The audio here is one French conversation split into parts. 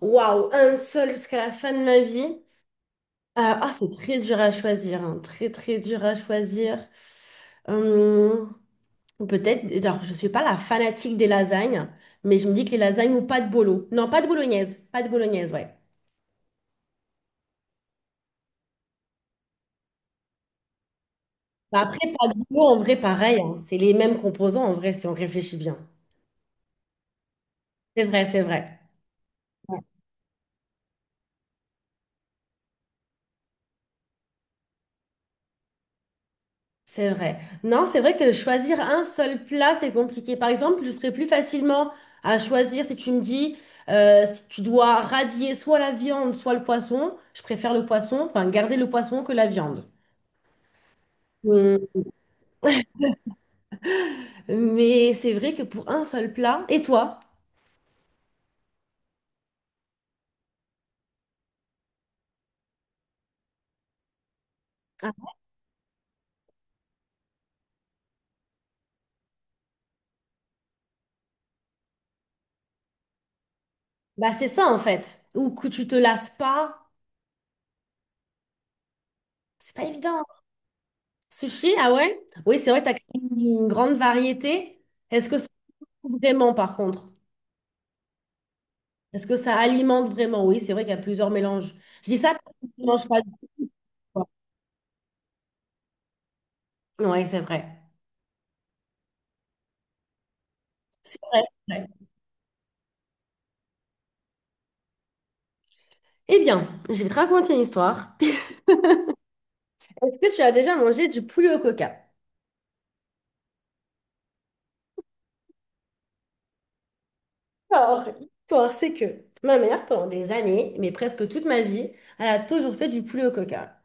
Waouh, un seul jusqu'à la fin de ma vie. Ah, c'est très dur à choisir, hein. Très, très dur à choisir. Hum, peut-être, alors, je suis pas la fanatique des lasagnes, mais je me dis que les lasagnes ou pas de bolo. Non, pas de bolognaise, pas de bolognaise, ouais. Bah, après, pas de bolo, en vrai, pareil, hein. C'est les mêmes composants, en vrai, si on réfléchit bien. C'est vrai, c'est vrai. C'est vrai. Non, c'est vrai que choisir un seul plat, c'est compliqué. Par exemple, je serais plus facilement à choisir si tu me dis, si tu dois radier soit la viande, soit le poisson, je préfère le poisson, enfin garder le poisson que la viande. Hum, Mais c'est vrai que pour un seul plat, et toi? Ah, bah c'est ça en fait. Ou que tu te lasses pas, c'est pas évident. Sushi, ah ouais? Oui, c'est vrai que tu as une grande variété. Est-ce que c'est vraiment par contre? Est-ce que ça alimente vraiment? Oui, c'est vrai qu'il y a plusieurs mélanges. Je dis ça parce que je ne mange pas du tout, quoi. Ouais, c'est vrai. C'est vrai, c'est vrai. Eh bien, je vais te raconter une histoire. Est-ce que tu as déjà mangé du poulet au coca? Alors, l'histoire, c'est que ma mère, pendant des années, mais presque toute ma vie, elle a toujours fait du poulet au coca.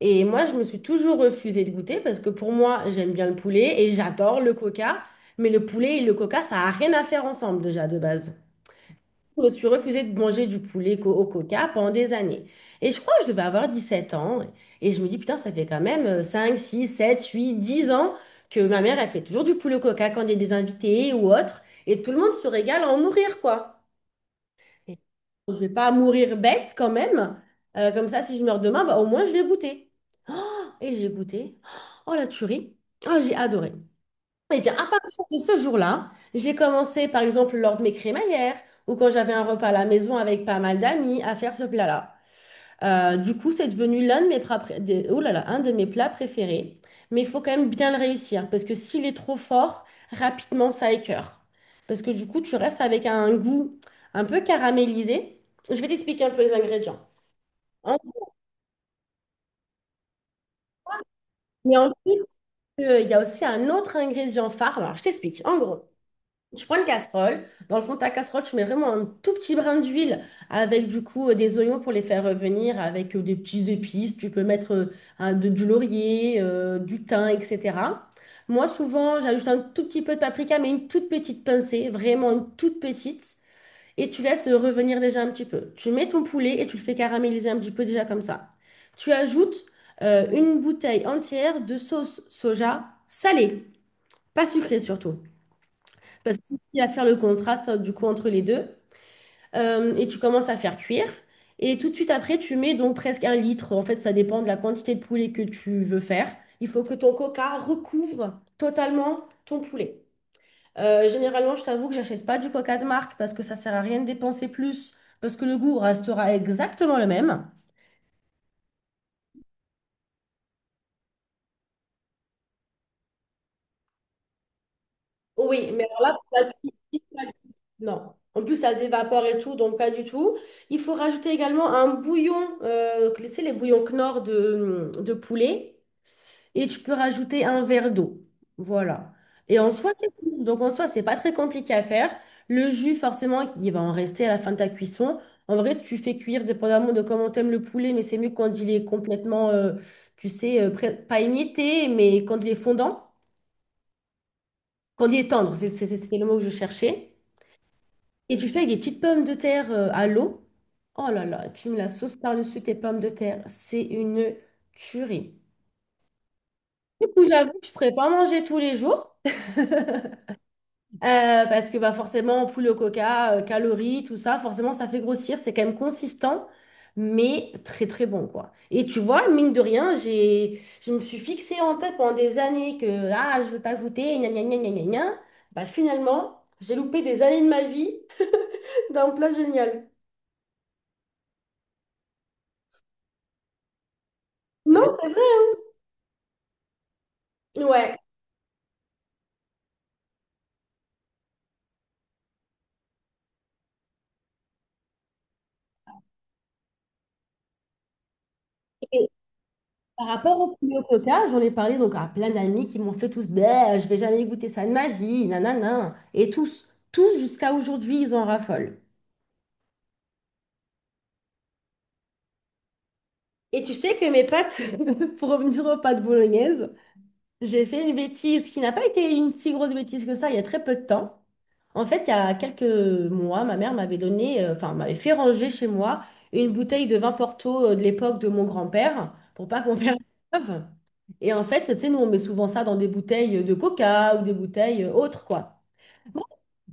Et moi, je me suis toujours refusée de goûter parce que pour moi, j'aime bien le poulet et j'adore le coca. Mais le poulet et le coca, ça n'a rien à faire ensemble déjà de base. Je me suis refusée de manger du poulet au coca pendant des années. Et je crois que je devais avoir 17 ans. Et je me dis, putain, ça fait quand même 5, 6, 7, 8, 10 ans que ma mère, elle fait toujours du poulet au coca quand il y a des invités ou autre. Et tout le monde se régale à en mourir, quoi. Et je vais pas mourir bête quand même. Comme ça, si je meurs demain, bah, au moins, je vais goûter. Oh, et j'ai goûté. Oh, la tuerie. Oh, j'ai adoré. Eh bien, à partir de ce jour-là, j'ai commencé, par exemple, lors de mes crémaillères ou quand j'avais un repas à la maison avec pas mal d'amis, à faire ce plat-là. Du coup, c'est devenu l'un de mes plats, oh là là, un de mes plats préférés. Mais il faut quand même bien le réussir parce que s'il est trop fort, rapidement, ça écœure. Parce que du coup, tu restes avec un goût un peu caramélisé. Je vais t'expliquer un peu les ingrédients. En- Mais en plus, il y a aussi un autre ingrédient phare. Alors, je t'explique. En gros. Je prends une casserole. Dans le fond de ta casserole, tu mets vraiment un tout petit brin d'huile avec du coup des oignons pour les faire revenir, avec des petits épices. Tu peux mettre du laurier, du thym, etc. Moi, souvent, j'ajoute un tout petit peu de paprika, mais une toute petite pincée, vraiment une toute petite. Et tu laisses revenir déjà un petit peu. Tu mets ton poulet et tu le fais caraméliser un petit peu déjà comme ça. Tu ajoutes une bouteille entière de sauce soja salée, pas sucrée surtout. Parce que si tu vas faire le contraste du coup entre les deux. Et tu commences à faire cuire. Et tout de suite après, tu mets donc presque un litre. En fait, ça dépend de la quantité de poulet que tu veux faire. Il faut que ton coca recouvre totalement ton poulet. Généralement, je t'avoue que j'achète pas du coca de marque parce que ça sert à rien de dépenser plus, parce que le goût restera exactement le même. Oui, mais alors là, pas du tout, pas du tout. Non. En plus, ça s'évapore et tout, donc pas du tout. Il faut rajouter également un bouillon, tu sais, les bouillons Knorr de poulet. Et tu peux rajouter un verre d'eau. Voilà. Et en soi, c'est tout. Donc en soi, c'est pas très compliqué à faire. Le jus, forcément, il va en rester à la fin de ta cuisson. En vrai, tu fais cuire dépendamment de comment t'aimes le poulet, mais c'est mieux quand il est complètement, tu sais, pas émietté, mais quand il est fondant, quand il est tendre, c'est le mot que je cherchais. Et tu fais avec des petites pommes de terre à l'eau. Oh là là, tu mets la sauce par-dessus tes pommes de terre. C'est une tuerie. Du coup, j'avoue que je ne pourrais pas manger tous les jours. Parce que bah, forcément, poulet au coca, calories, tout ça, forcément, ça fait grossir. C'est quand même consistant, mais très très bon, quoi. Et tu vois, mine de rien, je me suis fixée en tête pendant des années que ah, je ne veux pas goûter, gna gna gna gna gna gna. Bah, finalement, j'ai loupé des années de ma vie d'un plat génial. Non, c'est vrai. Ouais. Par rapport au poulet au coca, j'en ai parlé donc à plein d'amis qui m'ont fait tous, ben, je vais jamais goûter ça de ma vie, nanana. Et tous, tous jusqu'à aujourd'hui, ils en raffolent. Et tu sais que mes pâtes, pour revenir aux pâtes bolognaises, j'ai fait une bêtise qui n'a pas été une si grosse bêtise que ça il y a très peu de temps. En fait, il y a quelques mois, ma mère m'avait donné, enfin, m'avait fait ranger chez moi une bouteille de vin Porto de l'époque de mon grand-père pour pas qu'on perde l'œuvre. Et en fait, tu sais, nous, on met souvent ça dans des bouteilles de coca ou des bouteilles autres, quoi. Bon.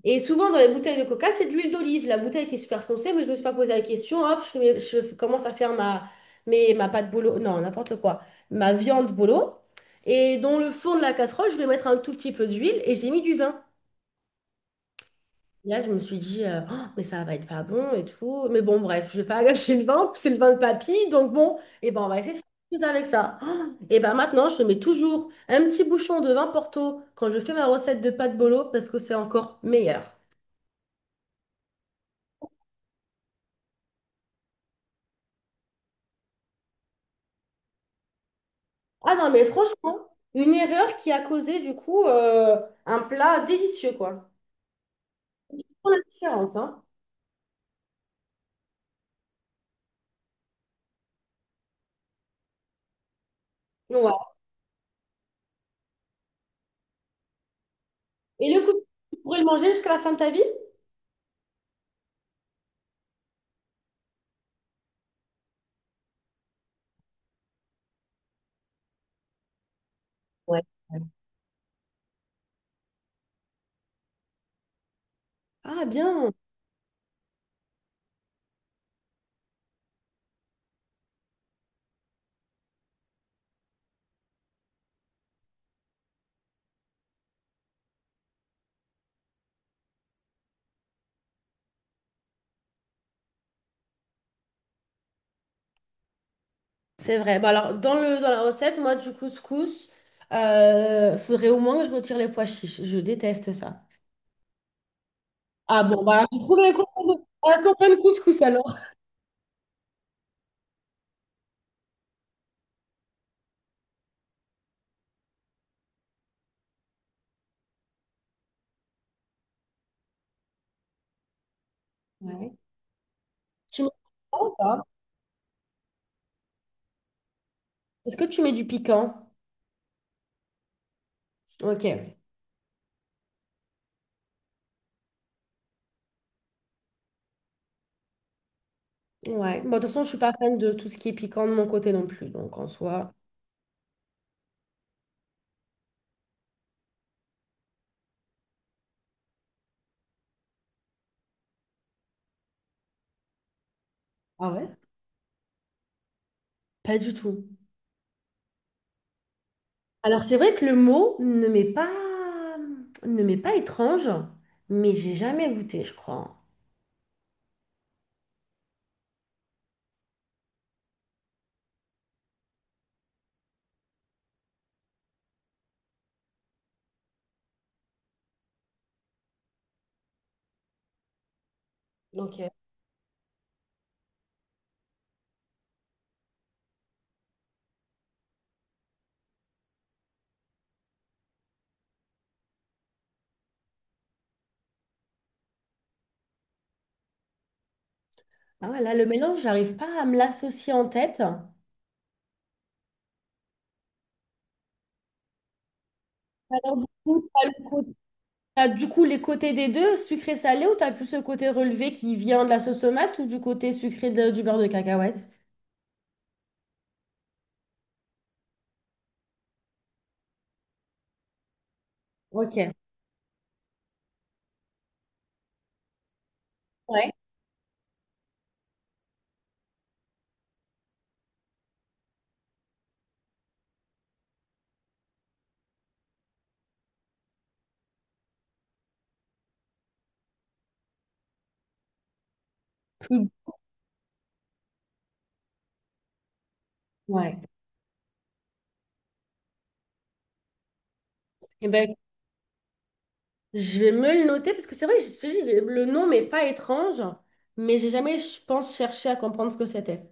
Et souvent, dans les bouteilles de coca, c'est de l'huile d'olive. La bouteille était super foncée, mais je ne me suis pas posé la question. Hop, je commence à faire ma pâte bolo, non, n'importe quoi, ma viande bolo. Et dans le fond de la casserole, je vais mettre un tout petit peu d'huile et j'ai mis du vin. Là, je me suis dit, oh, mais ça va être pas bon et tout. Mais bon, bref, je vais pas gâcher le vin, c'est le vin de papy. Donc bon, et ben, on va essayer de faire quelque chose avec ça. Oh, et ben maintenant, je mets toujours un petit bouchon de vin Porto quand je fais ma recette de pâte bolo parce que c'est encore meilleur. Ah non, mais franchement, une erreur qui a causé du coup un plat délicieux, quoi. Pour la différence, hein. Ouais. Et le coup, tu pourrais le manger jusqu'à la fin de ta vie? Ouais. Ah bien. C'est vrai. Bah alors, dans le, dans la recette, moi, du couscous, faudrait au moins que je retire les pois chiches. Je déteste ça. Ah bon, bah, j'ai trouvé un copain de couscous alors. Ouais. Tu mets du piquant ou pas. Est-ce que tu mets du piquant? Ok. Ouais. Bon, de toute façon, je suis pas fan de tout ce qui est piquant de mon côté non plus. Donc, en soi, ah ouais? Pas du tout. Alors, c'est vrai que le mot ne m'est pas étrange, mais j'ai jamais goûté, je crois. Ok. Ah ouais, là, le mélange, j'arrive pas à me l'associer en tête. Alors, du coup, t'as du coup les côtés des deux, sucré-salé, ou t'as plus le côté relevé qui vient de la sauce tomate ou du côté sucré du beurre de cacahuète? Ok. Ouais. Plus- Ouais. Eh ben, je vais me le noter parce que c'est vrai que je te dis, le nom m'est pas étrange, mais j'ai jamais, je pense, cherché à comprendre ce que c'était.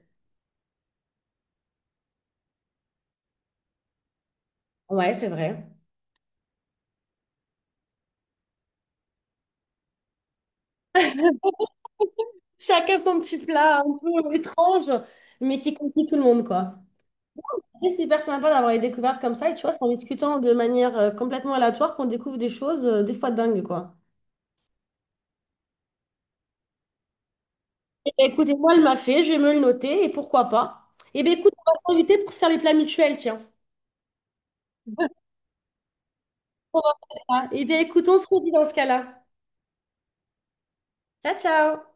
Ouais, c'est vrai. Chacun son petit plat un peu étrange, mais qui conquit tout le monde, quoi. C'est super sympa d'avoir les découvertes comme ça. Et tu vois, c'est en discutant de manière complètement aléatoire qu'on découvre des choses, des fois dingues, quoi. Eh ben, écoutez, moi, elle m'a fait, je vais me le noter, et pourquoi pas. Eh bien, écoute, on va s'inviter pour se faire les plats mutuels, tiens. On va faire ça. Eh bien, écoute, on se redit dans ce cas-là. Ciao, ciao!